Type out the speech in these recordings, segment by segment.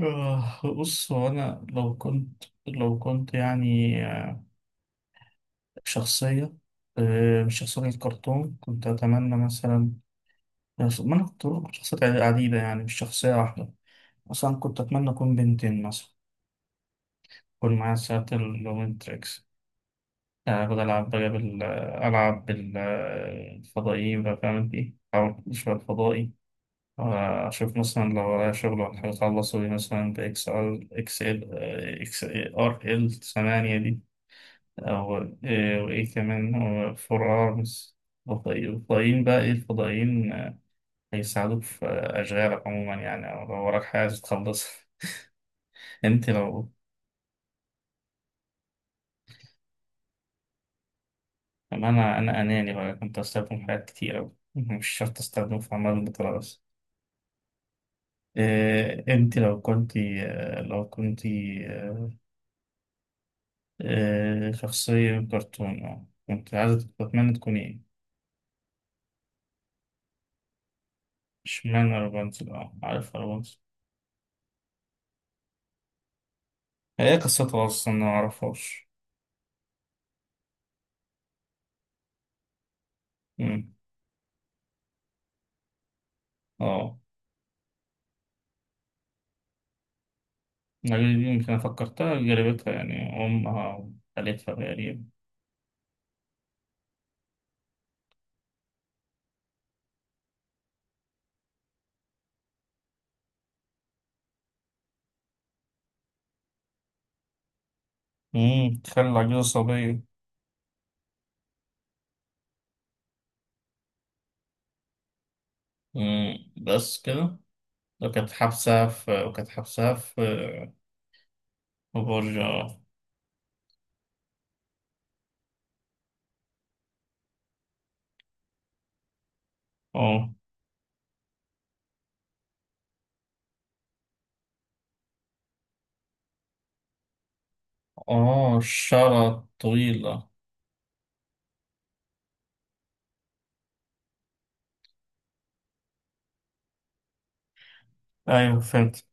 بص هو أنا لو كنت يعني شخصية. مش شخصية كرتون كنت أتمنى مثلا. ما أنا كنت بقول شخصيات عديدة يعني مش شخصية واحدة. مثلا كنت أتمنى أكون بنتين مثلا، يكون معايا ساعة الوينتركس. أفضل ألعب بقى ألعب بالفضائيين بقى، فاهم إنت إيه؟ أو شوية فضائي. أشوف مثلا لو ورايا شغل ولا حاجة أخلصه مثلا بإكس إل إكس إل، إكس آر إل 8 دي، أو إيه وإيه كمان هو فرارس. الفضائيين بقى، إيه الفضائيين، هيساعدوك في أشغالك عموما يعني، أو لو وراك حاجة عايز تخلصها. أنت لو. أما أنا أناني بقى، كنت أستخدم حاجات كتير أوي مش شرط أستخدم في أعمال البطولة بس. إيه، أنت لو كنت، لو كنت، شخصية كرتون أه، كنت عايزة تتمنى تكون إيه؟ اشمعنى رابنزل؟ أه عارف رابنزل. هي قصتها أصلا أنا معرفهاش. مم. اه. يمكن فكرتها جربتها يعني أمها وخالتها تقريبا. أمم، تخلي العجوزة صبية. أمم، بس كده. وكانت حابسة في في برج اه. اه. الشعر الطويلة. أيوة فهمت،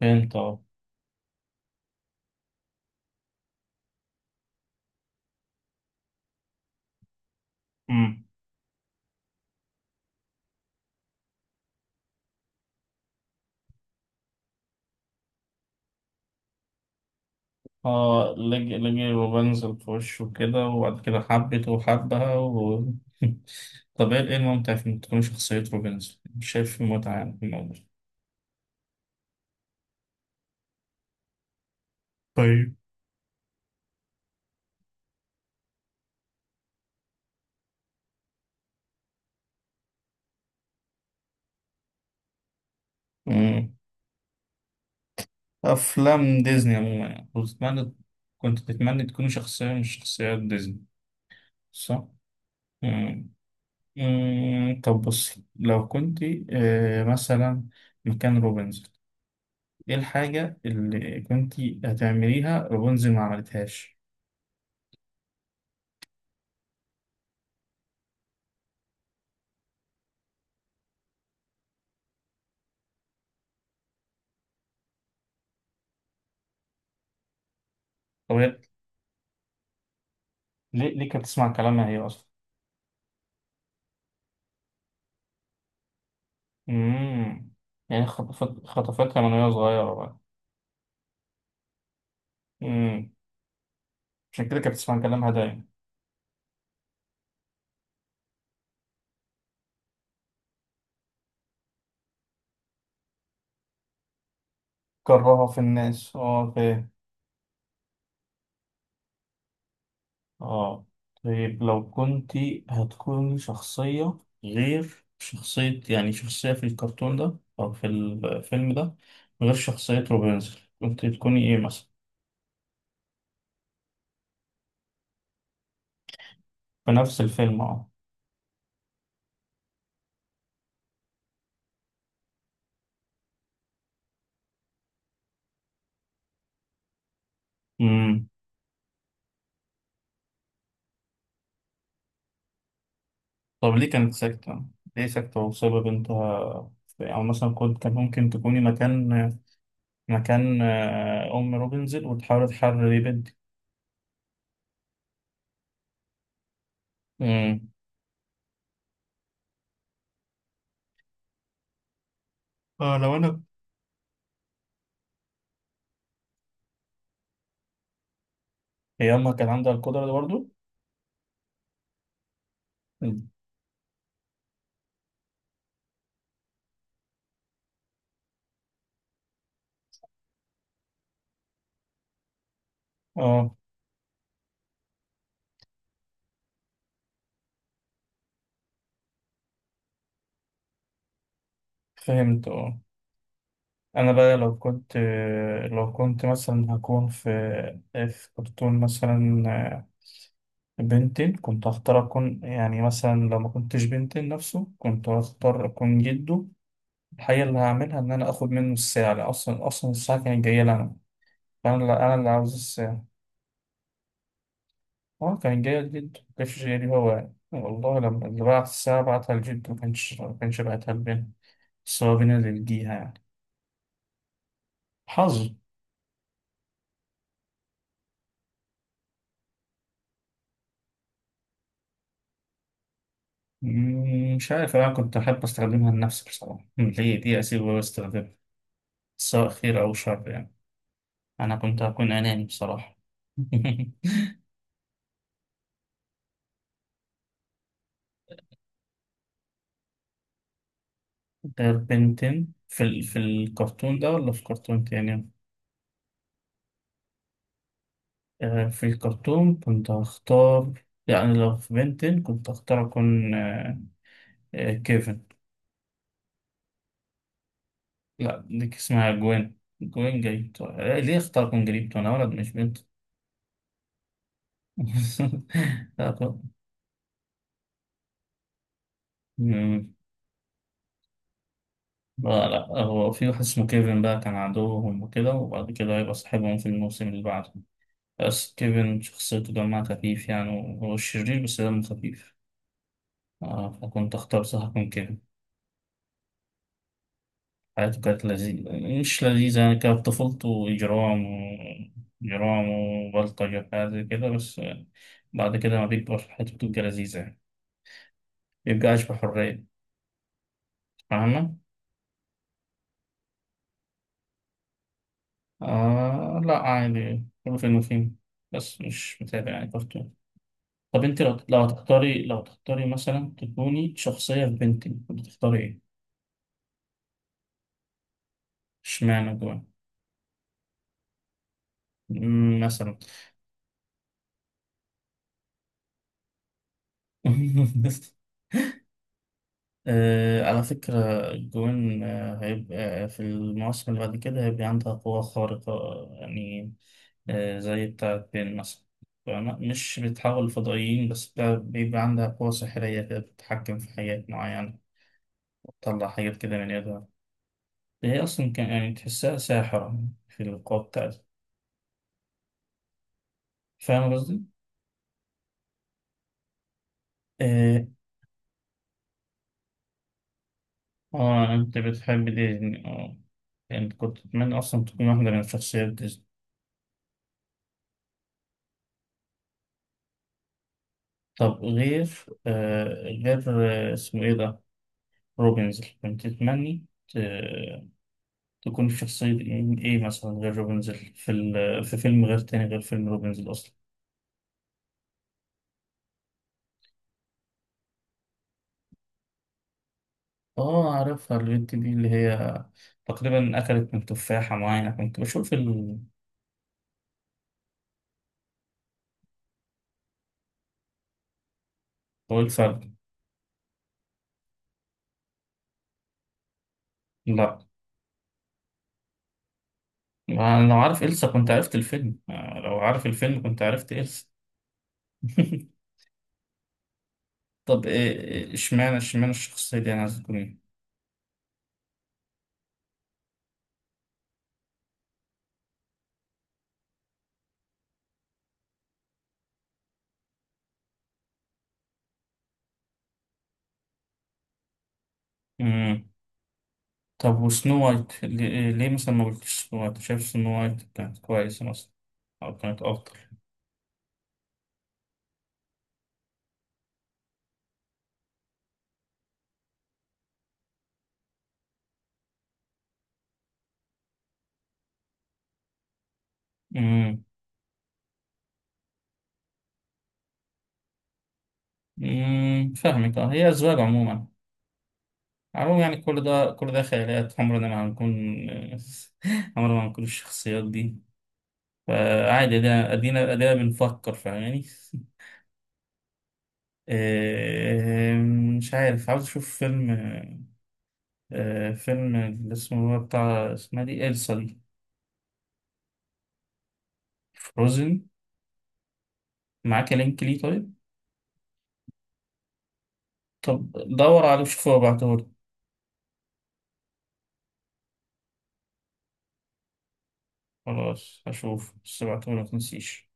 فهمت اه. أمم. اه، لجي وبنزل في وشه كده وبعد كده حبته وحبها و... طب ايه، إيه الممتع في إن تكون شخصية روبنزل؟ مش شايف في متعة يعني في الموضوع. طيب. أفلام ديزني عموما يعني كنت تتمنى، كنت تتمنى تكون شخصية من شخصيات ديزني، صح؟ مم. مم، طب بص لو كنت، مثلا مكان روبنزل، إيه الحاجة اللي كنت هتعمليها روبنزل ما عملتهاش؟ طب ليه، ليه كانت تسمع كلامها هي أصلا؟ مم. يعني خطفتها من وهي صغيرة بقى. مم، عشان كده كانت بتسمع كلامها دايما. كرهها في الناس اه، فاهم. اه. طيب لو كنت هتكوني شخصية، غير شخصية يعني، شخصية في الكرتون ده أو في الفيلم ده، غير شخصية روبنزل كنت تكوني إيه مثلا؟ في نفس الفيلم اه. أمم. طب ليه كانت ساكتة؟ ليه ساكتة وسايبة بنتها أو مثلا كنت، كان ممكن تكوني مكان، مكان أم روبنزل وتحاول تحرري بنتي. أمم. اه لو أنا. هي أمها كان عندها القدرة دي برضه؟ أمم. اه فهمت اه. انا بقى لو كنت، مثلا هكون في، في كرتون مثلا بنتين كنت هختار اكون، يعني مثلا لو ما كنتش بنتين نفسه كنت هختار اكون جده. الحقيقة اللي هعملها ان انا اخد منه الساعة لأن اصلا الساعة كانت جاية لي انا، فانا اللي انا اللي عاوز الساعة. اه كانت جاية لجده، ما كانتش جاية لي، هو يعني والله لما اللي بعت الساعة بعتها لجده ما كانش بعتها لبنت. بس هو بينا اللي لجيها يعني، حظ. مم، مش عارف، أنا كنت أحب أستخدمها لنفسي بصراحة. مم، هي دي أسيبها وأستخدمها، سواء خير أو شر يعني، أنا كنت هكون أناني بصراحة. غير بنتين في ال... في الكرتون ده ولا في كرتون تاني؟ في الكرتون كنت هختار، يعني لو في بنتين كنت هختار أكون كيفن. لا ديك اسمها جوين، جريبتو. ليه اختار أكون جريبتو؟ أنا ولد مش بنت. لا، طب. لا لا، هو في واحد اسمه كيفن بقى، كان عدوهم وكده وبعد كده هيبقى صاحبهم في الموسم اللي بعده. بس كيفن شخصيته دمها خفيف، يعني هو شرير بس دمه خفيف. آه، فكنت أختار صح من كيفن. حياته كانت لذيذة. مش لذيذة يعني، كانت طفولته إجرام وبلطجة وحاجات زي كده، بس بعد كده ما بيكبر حياته بتبقى لذيذة يعني، مبيبقاش بحرية، فاهمة؟ آه لا عادي، كله فين وفين، بس مش متابع يعني كرتون. طب انت لو، لو هتختاري لو تختاري مثلا تكوني شخصية في بنتين كنت تختاري ايه؟ اشمعنى جوان؟ مم، مثلا. آه على فكرة جوان، هيبقى في المواسم اللي بعد كده هيبقى عندها قوة خارقة يعني، آه زي بتاعة بين مثلا، فاهمة؟ مش بتحول لفضائيين بس، بيبقى عندها قوة سحرية كده، بتتحكم في حاجات معينة، بتطلع حاجات كده من يدها. هي أصلا كان يعني تحسها ساحرة في القوة بتاعتها، فاهم قصدي؟ آه، اه انت بتحب ديزني اه. انت كنت تتمنى اصلا تكون واحدة من شخصيات ديزني. طب غير آه، غير آه، اسمه ايه ده، روبنز، كنت تكون في شخصية ايه، إيه مثلا غير روبنز، في ال... في فيلم غير تاني غير فيلم روبنز اصلا. اه عارفها البنت دي، اللي هي تقريبا اكلت من تفاحة معينة كنت بشوف ال... هو الفرق. لا، ما أنا لو عارف إلسا كنت عرفت الفيلم، لو عارف الفيلم كنت عرفت إلسا. طب اشمعنى، اشمعنى الشخصية دي أنا عايز تكون إيه؟ مم. طب وسنو وايت ليه، ليه مثلا ما قلتش سنو وايت، شايف سنو وايت كانت كويسة مثلا أو كانت أفضل؟ مم. مم، فاهمك أه، هي أذواق عموما، عموما يعني، كل ده خيالات عمرنا ما هنكون. عمرنا ما هنكون الشخصيات دي، فعادي أدينا بنفكر فاهماني. إيه، مش عارف، عاوز أشوف فيلم، فيلم اللي اسمه هو بتاع اسمها دي، إلسا دي. فروزن. معاك لينك ليه طيب؟ طب دور عليه وشوف هو بعتهولك. خلاص هشوف، بس بعتهولك متنسيش.